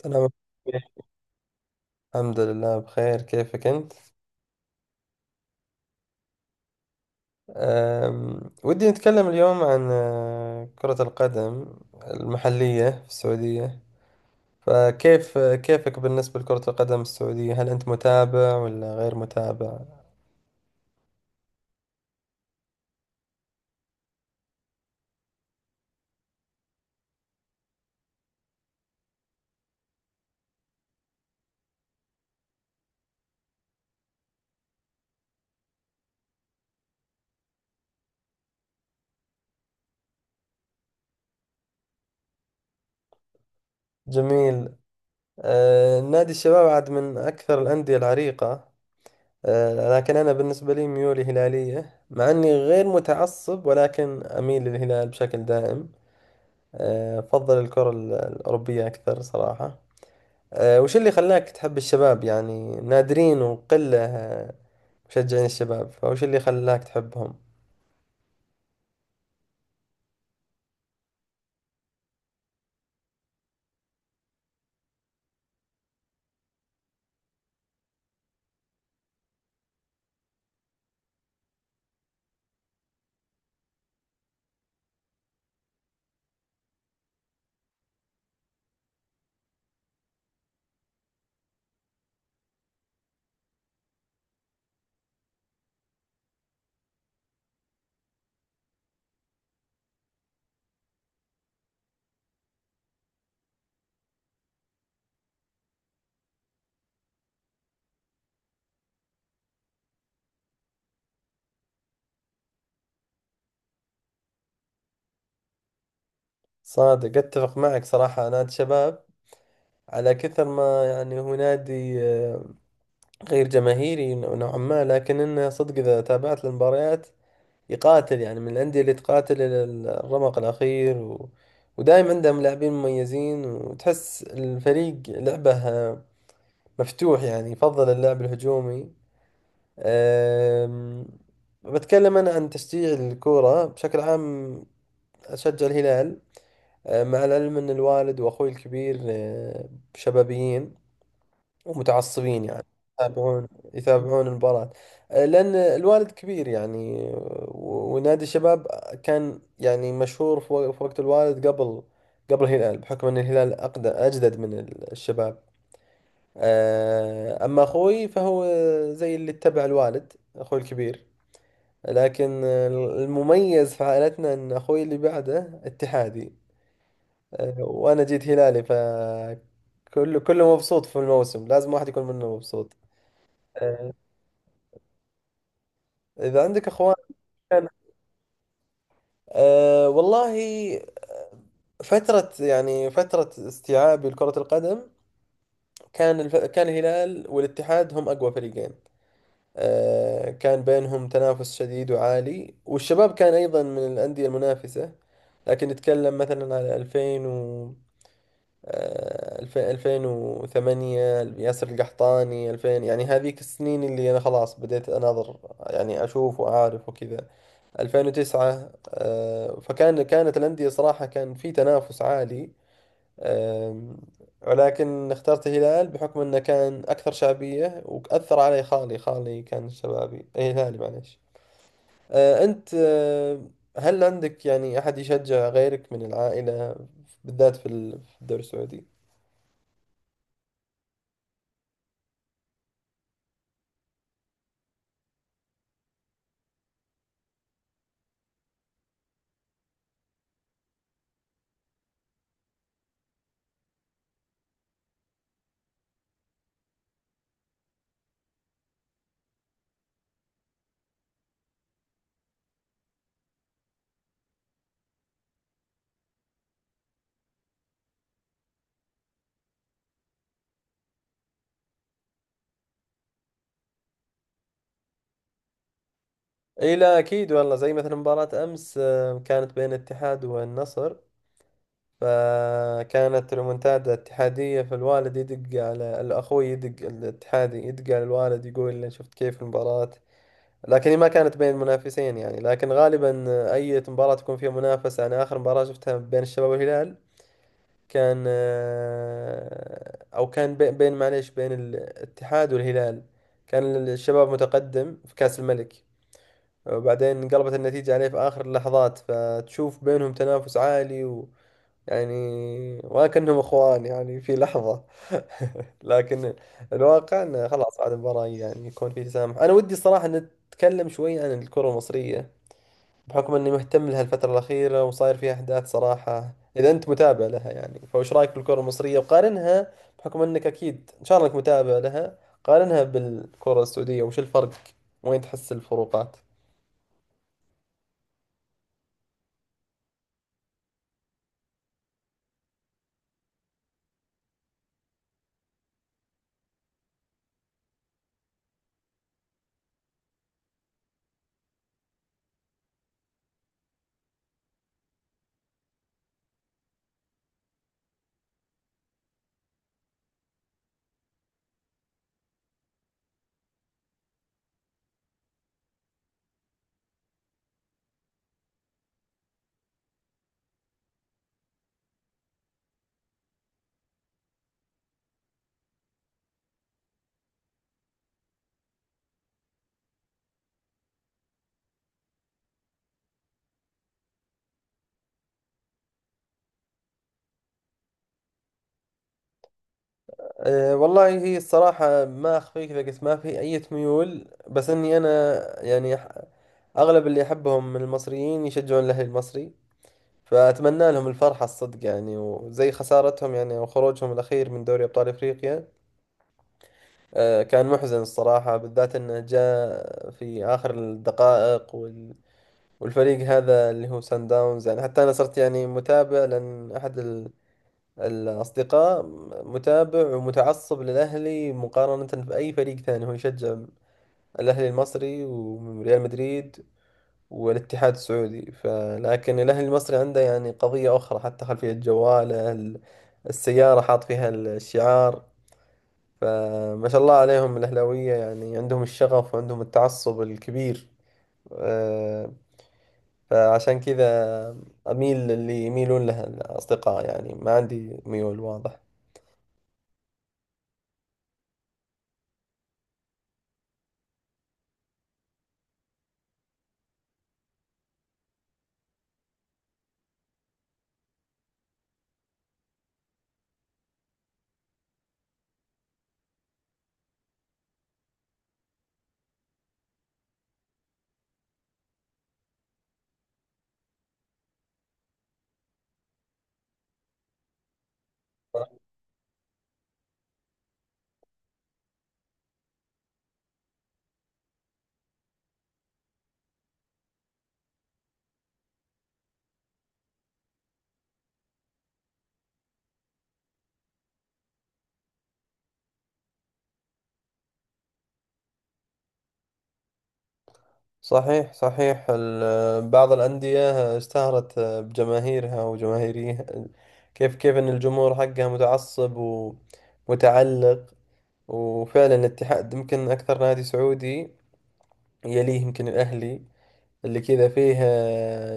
سلام. الحمد لله، بخير. كيفك أنت؟ ودي نتكلم اليوم عن كرة القدم المحلية في السعودية، فكيف كيفك بالنسبة لكرة القدم السعودية؟ هل أنت متابع ولا غير متابع؟ جميل. نادي الشباب عاد من أكثر الأندية العريقة. لكن أنا بالنسبة لي ميولي هلالية، مع أني غير متعصب، ولكن أميل للهلال بشكل دائم. أفضل الكرة الأوروبية أكثر صراحة. وش اللي خلاك تحب الشباب؟ يعني نادرين وقلة مشجعين الشباب، فوش اللي خلاك تحبهم؟ صادق، اتفق معك صراحة. نادي الشباب، على كثر ما يعني هو نادي غير جماهيري نوعا ما، لكن انه صدق اذا تابعت المباريات يقاتل، يعني من الأندية اللي تقاتل إلى الرمق الأخير، ودايم عندهم لاعبين مميزين، وتحس الفريق لعبه مفتوح، يعني يفضل اللعب الهجومي. أم، بتكلم أنا عن تشجيع الكورة بشكل عام، أشجع الهلال. مع العلم أن الوالد وأخوي الكبير شبابيين ومتعصبين، يعني يتابعون يتابعون المباراة. لأن الوالد كبير يعني، ونادي الشباب كان يعني مشهور في في وقت الوالد، قبل الهلال، بحكم أن الهلال أقدم أجدد من الشباب. أما أخوي فهو زي اللي اتبع الوالد، أخوي الكبير. لكن المميز في عائلتنا ان اخوي اللي بعده اتحادي، وانا جيت هلالي، فكله كله مبسوط، في الموسم لازم واحد يكون منه مبسوط. أه، اذا عندك اخوان. كان، والله، فترة يعني فترة استيعابي لكرة القدم، كان الهلال والاتحاد هم أقوى فريقين. كان بينهم تنافس شديد وعالي، والشباب كان أيضا من الأندية المنافسة. لكن نتكلم مثلا على 2000 و 2008، ياسر القحطاني، 2000، يعني هذيك السنين اللي أنا خلاص بديت أناظر، يعني أشوف وأعرف وكذا، 2009. كانت الأندية صراحة، كان في تنافس عالي. آم، ولكن اخترت الهلال بحكم أنه كان أكثر شعبية، وأثر علي خالي. خالي كان شبابي، أي هلالي، معليش. أنت هل عندك يعني أحد يشجع غيرك من العائلة، بالذات في في الدوري السعودي؟ اي، لا اكيد والله. زي مثلا مباراة امس كانت بين الاتحاد والنصر، فكانت ريمونتادا اتحادية، فالوالد يدق على الاخوي، يدق الاتحادي يدق على الوالد، يقول له شفت كيف المباراة؟ لكن هي ما كانت بين منافسين يعني، لكن غالبا اي مباراة تكون فيها منافسة. يعني اخر مباراة شفتها بين الشباب والهلال، كان بين، معليش، بين الاتحاد والهلال. كان الشباب متقدم في كأس الملك، وبعدين انقلبت النتيجة عليه في آخر اللحظات. فتشوف بينهم تنافس عالي، و يعني وكأنهم اخوان يعني في لحظة. لكن الواقع انه خلاص بعد المباراة يعني يكون في تسامح. انا ودي الصراحة نتكلم شوي عن الكرة المصرية، بحكم اني مهتم لها الفترة الأخيرة، وصاير فيها احداث. صراحة اذا انت متابع لها يعني، فوش رايك بالكرة المصرية؟ وقارنها، بحكم انك اكيد ان شاء الله انك متابع لها، قارنها بالكرة السعودية. وش الفرق؟ وين تحس الفروقات؟ أه، والله هي الصراحة ما أخفيك، لقيت ما في أي ميول، بس إني أنا يعني أغلب اللي أحبهم من المصريين يشجعون الأهلي المصري، فأتمنى لهم الفرحة الصدق يعني. وزي خسارتهم يعني، أو خروجهم الأخير من دوري أبطال إفريقيا، أه كان محزن الصراحة، بالذات إنه جاء في آخر الدقائق، والفريق هذا اللي هو سان داونز. يعني حتى أنا صرت يعني متابع، لأن أحد الأصدقاء متابع ومتعصب للأهلي مقارنة بأي فريق ثاني. هو يشجع الأهلي المصري وريال مدريد والاتحاد السعودي، فلكن الأهلي المصري عنده يعني قضية أخرى، حتى خلفية جواله السيارة حاط فيها الشعار. فما شاء الله عليهم الأهلاوية، يعني عندهم الشغف وعندهم التعصب الكبير. أه، فعشان كذا أميل اللي يميلون لها الأصدقاء، يعني ما عندي ميول واضح. صحيح صحيح، بعض الأندية اشتهرت بجماهيرها وجماهيريها، كيف أن الجمهور حقها متعصب ومتعلق. وفعلا الاتحاد يمكن أكثر نادي سعودي، يليه يمكن الأهلي، اللي كذا فيه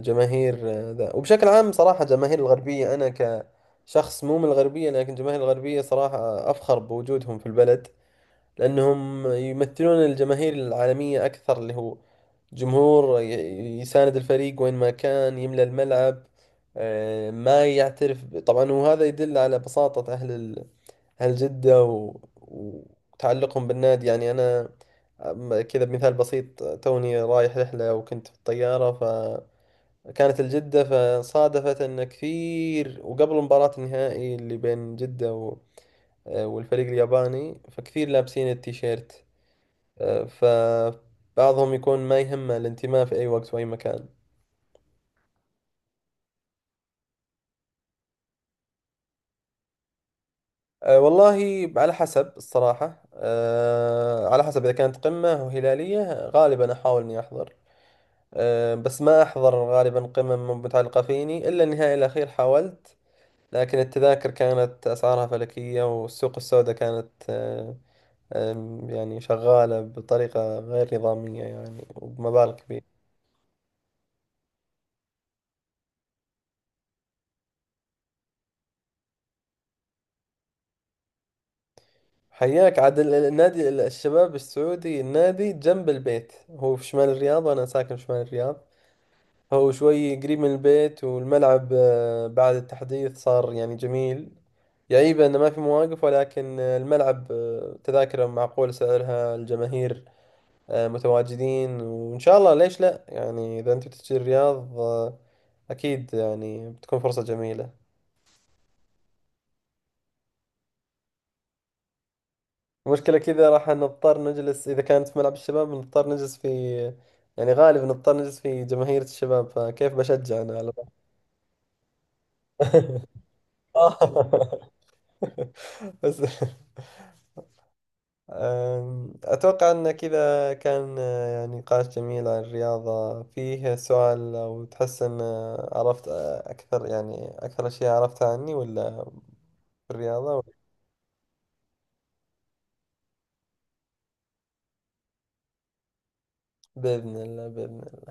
جماهير. ذا وبشكل عام صراحة، جماهير الغربية، أنا كشخص مو من الغربية، لكن جماهير الغربية صراحة أفخر بوجودهم في البلد، لأنهم يمثلون الجماهير العالمية أكثر، اللي هو جمهور يساند الفريق وين ما كان، يملى الملعب، ما يعترف طبعا. وهذا يدل على بساطة أهل أهل جدة وتعلقهم بالنادي. يعني أنا، كذا بمثال بسيط، توني رايح رحلة وكنت في الطيارة، فكانت الجدة. فصادفت أن كثير، وقبل مباراة النهائي اللي بين جدة والفريق الياباني، فكثير لابسين التيشيرت. فبعضهم يكون ما يهمه الانتماء في أي وقت وأي مكان. والله على حسب الصراحة، على حسب إذا كانت قمة وهلالية، غالبا أحاول إني أحضر. بس ما أحضر غالبا قمم، متعلقة فيني إلا النهائي الأخير، حاولت لكن التذاكر كانت أسعارها فلكية، والسوق السوداء كانت أه، أم، يعني شغالة بطريقة غير نظامية يعني، وبمبالغ كبيرة. حياك عاد. النادي، الشباب السعودي، النادي جنب البيت، هو في شمال الرياض وأنا ساكن في شمال الرياض. هو شوي قريب من البيت، والملعب بعد التحديث صار يعني جميل. يعيبه إنه ما في مواقف، ولكن الملعب تذاكره معقول سعرها، الجماهير متواجدين. وإن شاء الله ليش لا يعني، إذا أنت بتجي الرياض أكيد يعني بتكون فرصة جميلة. المشكلة كذا راح نضطر نجلس، إذا كانت في ملعب الشباب نضطر نجلس في، يعني غالبا نضطر نجلس في جماهير الشباب، فكيف بشجع أنا على طول؟ بس أتوقع أن كذا كان يعني نقاش جميل عن الرياضة. فيه سؤال، لو تحس أن عرفت أكثر، يعني أكثر أشياء عرفتها عني، ولا في الرياضة؟ بإذن الله، بإذن الله.